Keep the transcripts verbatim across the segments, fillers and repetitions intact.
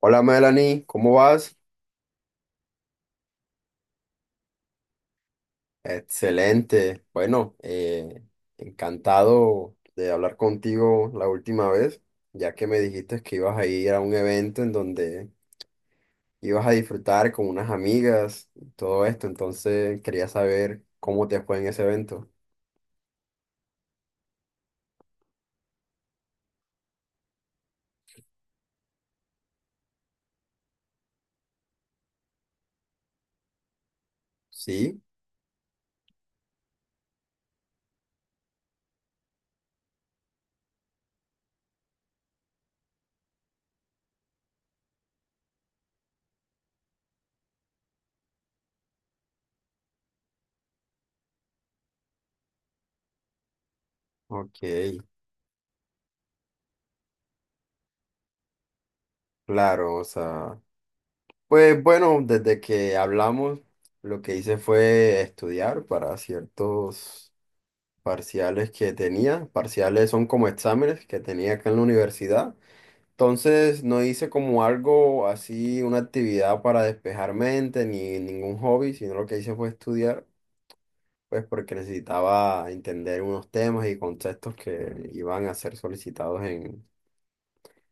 Hola Melanie, ¿cómo vas? Excelente. Bueno, eh, encantado de hablar contigo la última vez, ya que me dijiste que ibas a ir a un evento en donde ibas a disfrutar con unas amigas y todo esto, entonces quería saber cómo te fue en ese evento. Sí, ok, claro, o sea, pues bueno, desde que hablamos, lo que hice fue estudiar para ciertos parciales que tenía. Parciales son como exámenes que tenía acá en la universidad. Entonces no hice como algo así, una actividad para despejar mente ni ningún hobby, sino lo que hice fue estudiar, pues porque necesitaba entender unos temas y conceptos que iban a ser solicitados en,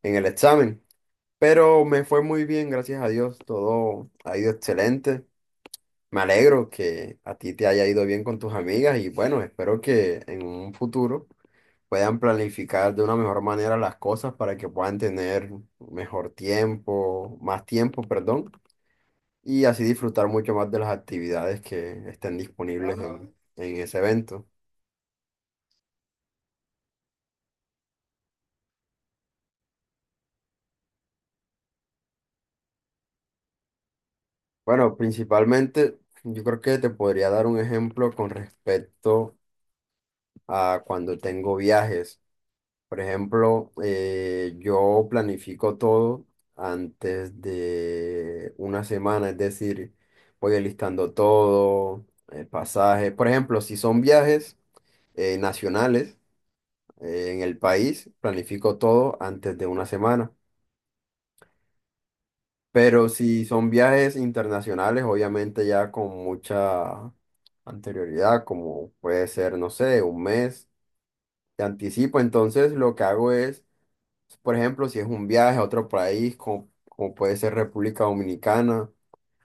en el examen. Pero me fue muy bien, gracias a Dios, todo ha ido excelente. Me alegro que a ti te haya ido bien con tus amigas y bueno, espero que en un futuro puedan planificar de una mejor manera las cosas para que puedan tener mejor tiempo, más tiempo, perdón, y así disfrutar mucho más de las actividades que estén disponibles en, en ese evento. Bueno, principalmente yo creo que te podría dar un ejemplo con respecto a cuando tengo viajes. Por ejemplo, eh, yo planifico todo antes de una semana, es decir, voy alistando todo, el pasaje. Por ejemplo, si son viajes eh, nacionales eh, en el país, planifico todo antes de una semana. Pero si son viajes internacionales, obviamente ya con mucha anterioridad, como puede ser, no sé, un mes, de anticipo. Entonces, lo que hago es por ejemplo, si es un viaje a otro país, como, como puede ser República Dominicana,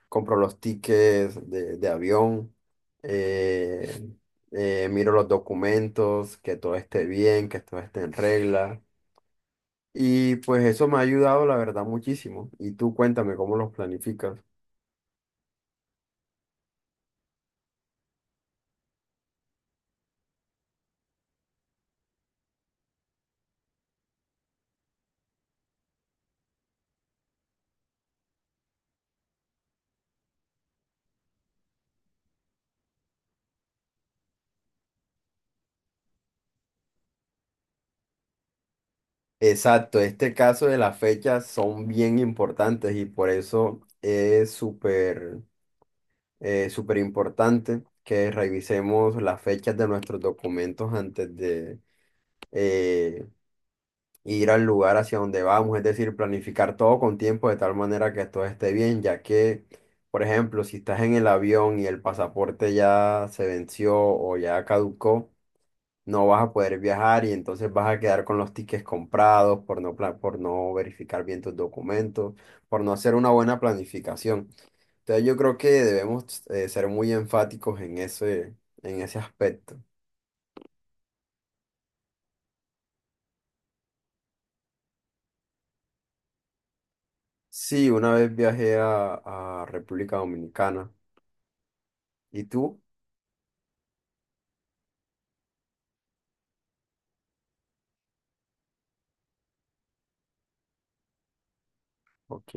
compro los tickets de, de avión, eh, eh, miro los documentos, que todo esté bien, que todo esté en regla. Y pues eso me ha ayudado, la verdad, muchísimo. Y tú cuéntame cómo los planificas. Exacto, este caso de las fechas son bien importantes y por eso es súper... eh, súper importante que revisemos las fechas de nuestros documentos antes de eh, ir al lugar hacia donde vamos, es decir, planificar todo con tiempo de tal manera que todo esté bien, ya que, por ejemplo, si estás en el avión y el pasaporte ya se venció o ya caducó, no vas a poder viajar y entonces vas a quedar con los tickets comprados por no, pla- por no verificar bien tus documentos, por no hacer una buena planificación. Entonces yo creo que debemos eh, ser muy enfáticos en ese, en ese aspecto. Sí, una vez viajé a, a República Dominicana. ¿Y tú? Ok.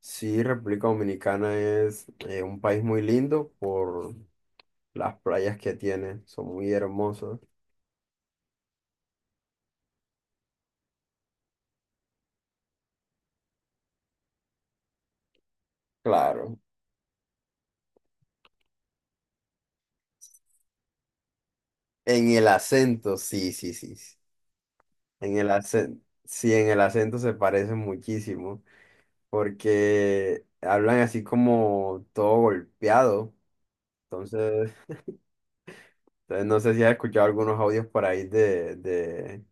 Sí, República Dominicana es eh, un país muy lindo por las playas que tiene, son muy hermosas. Claro. En el acento, sí, sí, sí, sí. En el acento, sí, en el acento se parecen muchísimo, porque hablan así como todo golpeado. Entonces, entonces no sé si has escuchado algunos audios por ahí de, de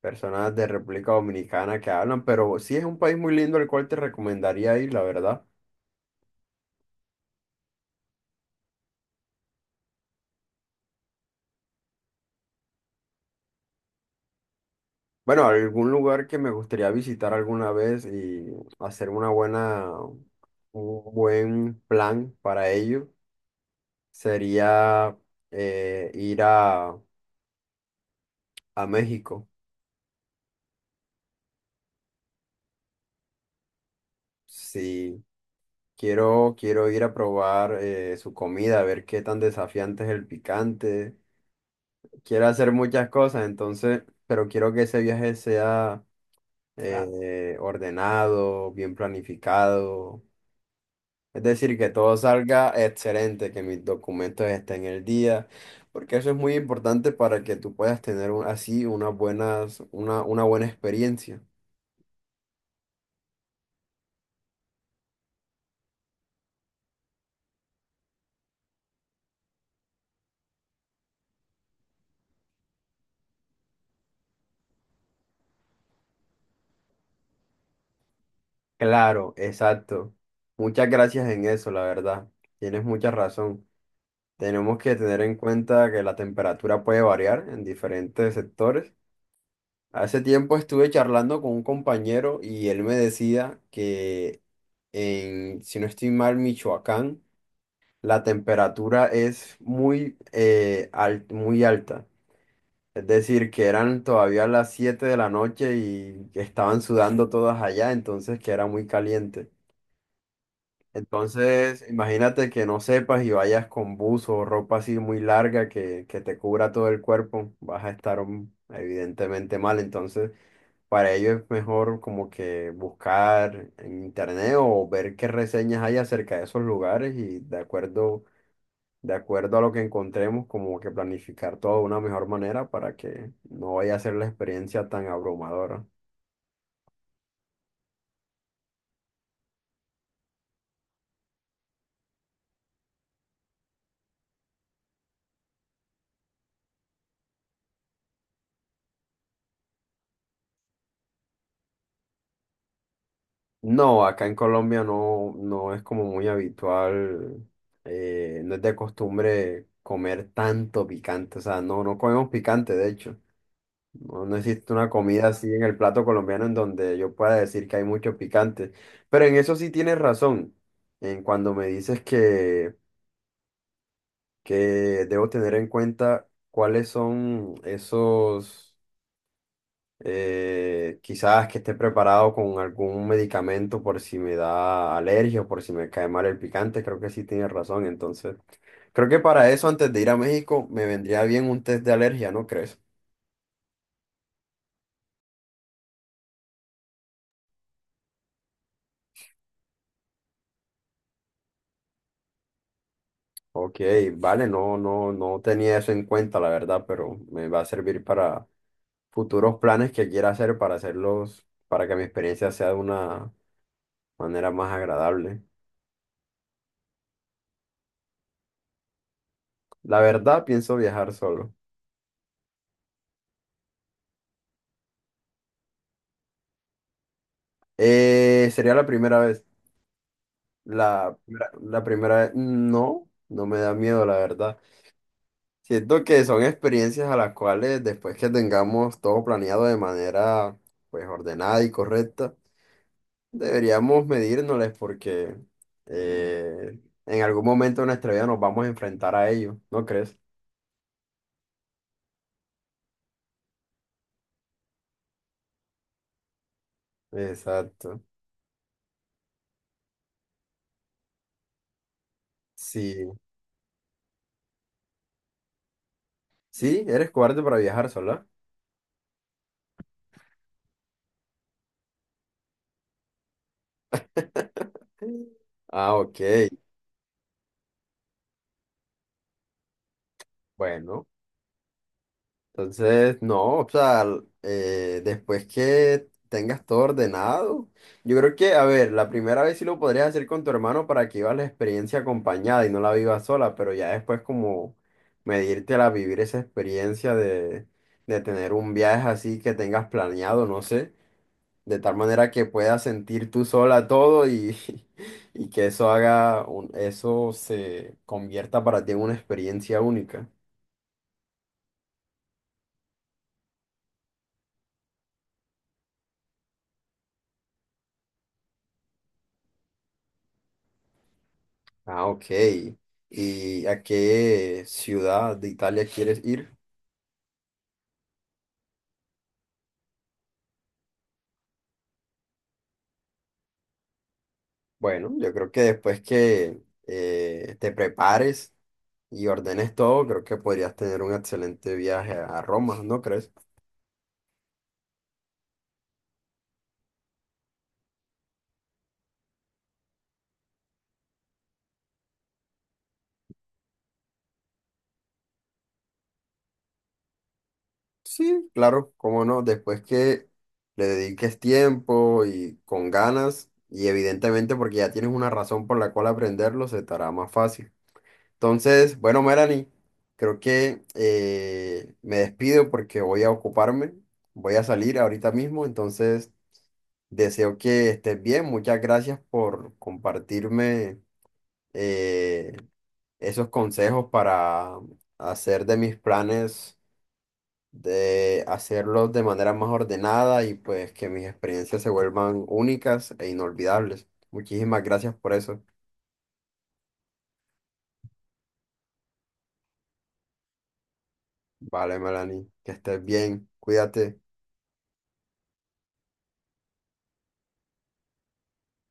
personas de República Dominicana que hablan, pero sí es un país muy lindo al cual te recomendaría ir, la verdad. Bueno, algún lugar que me gustaría visitar alguna vez y hacer una buena, un buen plan para ello sería eh, ir a A México. Sí, quiero, quiero ir a probar eh, su comida, a ver qué tan desafiante es el picante. Quiero hacer muchas cosas, entonces, pero quiero que ese viaje sea Ah, eh, ordenado, bien planificado. Es decir, que todo salga excelente, que mis documentos estén en el día, porque eso es muy importante para que tú puedas tener un- así unas buenas, una, una buena experiencia. Claro, exacto. Muchas gracias en eso, la verdad. Tienes mucha razón. Tenemos que tener en cuenta que la temperatura puede variar en diferentes sectores. Hace tiempo estuve charlando con un compañero y él me decía que en, si no estoy mal, Michoacán, la temperatura es muy, eh, al- muy alta. Es decir, que eran todavía las siete de la noche y estaban sudando todas allá, entonces que era muy caliente. Entonces, imagínate que no sepas y vayas con buzo o ropa así muy larga que, que te cubra todo el cuerpo, vas a estar mm, evidentemente mal. Entonces, para ello es mejor como que buscar en internet o ver qué reseñas hay acerca de esos lugares y de acuerdo, de acuerdo a lo que encontremos, como que planificar todo de una mejor manera para que no vaya a ser la experiencia tan abrumadora. No, acá en Colombia no, no es como muy habitual, eh, no es de costumbre comer tanto picante, o sea, no, no comemos picante, de hecho. No, no existe una comida así en el plato colombiano en donde yo pueda decir que hay mucho picante. Pero en eso sí tienes razón, en cuando me dices que, que debo tener en cuenta cuáles son esos Eh, quizás que esté preparado con algún medicamento por si me da alergia o por si me cae mal el picante, creo que sí tiene razón. Entonces, creo que para eso, antes de ir a México, me vendría bien un test de alergia, ¿no crees? Ok, vale, no, no, no tenía eso en cuenta, la verdad, pero me va a servir para futuros planes que quiera hacer para hacerlos, para que mi experiencia sea de una manera más agradable. La verdad, pienso viajar solo. Eh, sería la primera vez. La, la primera vez, no, no me da miedo, la verdad. Siento que son experiencias a las cuales después que tengamos todo planeado de manera pues ordenada y correcta, deberíamos medírnosles porque eh, en algún momento de nuestra vida nos vamos a enfrentar a ello, ¿no crees? Exacto. Sí, sí, eres cobarde para viajar sola. Ah, ok. Bueno. Entonces, no, o sea, eh, después que tengas todo ordenado, yo creo que, a ver, la primera vez sí lo podrías hacer con tu hermano para que vivas la experiencia acompañada y no la vivas sola, pero ya después como medírtela, vivir esa experiencia de, de tener un viaje así que tengas planeado, no sé, de tal manera que puedas sentir tú sola todo y, y que eso haga, un- eso se convierta para ti en una experiencia única. Ah, ok. ¿Y a qué ciudad de Italia quieres ir? Bueno, yo creo que después que eh, te prepares y ordenes todo, creo que podrías tener un excelente viaje a Roma, ¿no crees? Sí, claro, cómo no, después que le dediques tiempo y con ganas, y evidentemente porque ya tienes una razón por la cual aprenderlo, se te hará más fácil. Entonces, bueno, Melanie, creo que eh, me despido porque voy a ocuparme, voy a salir ahorita mismo, entonces deseo que estés bien. Muchas gracias por compartirme eh, esos consejos para hacer de mis planes, de hacerlos de manera más ordenada y pues que mis experiencias se vuelvan únicas e inolvidables. Muchísimas gracias por eso. Vale, Melanie, que estés bien, cuídate.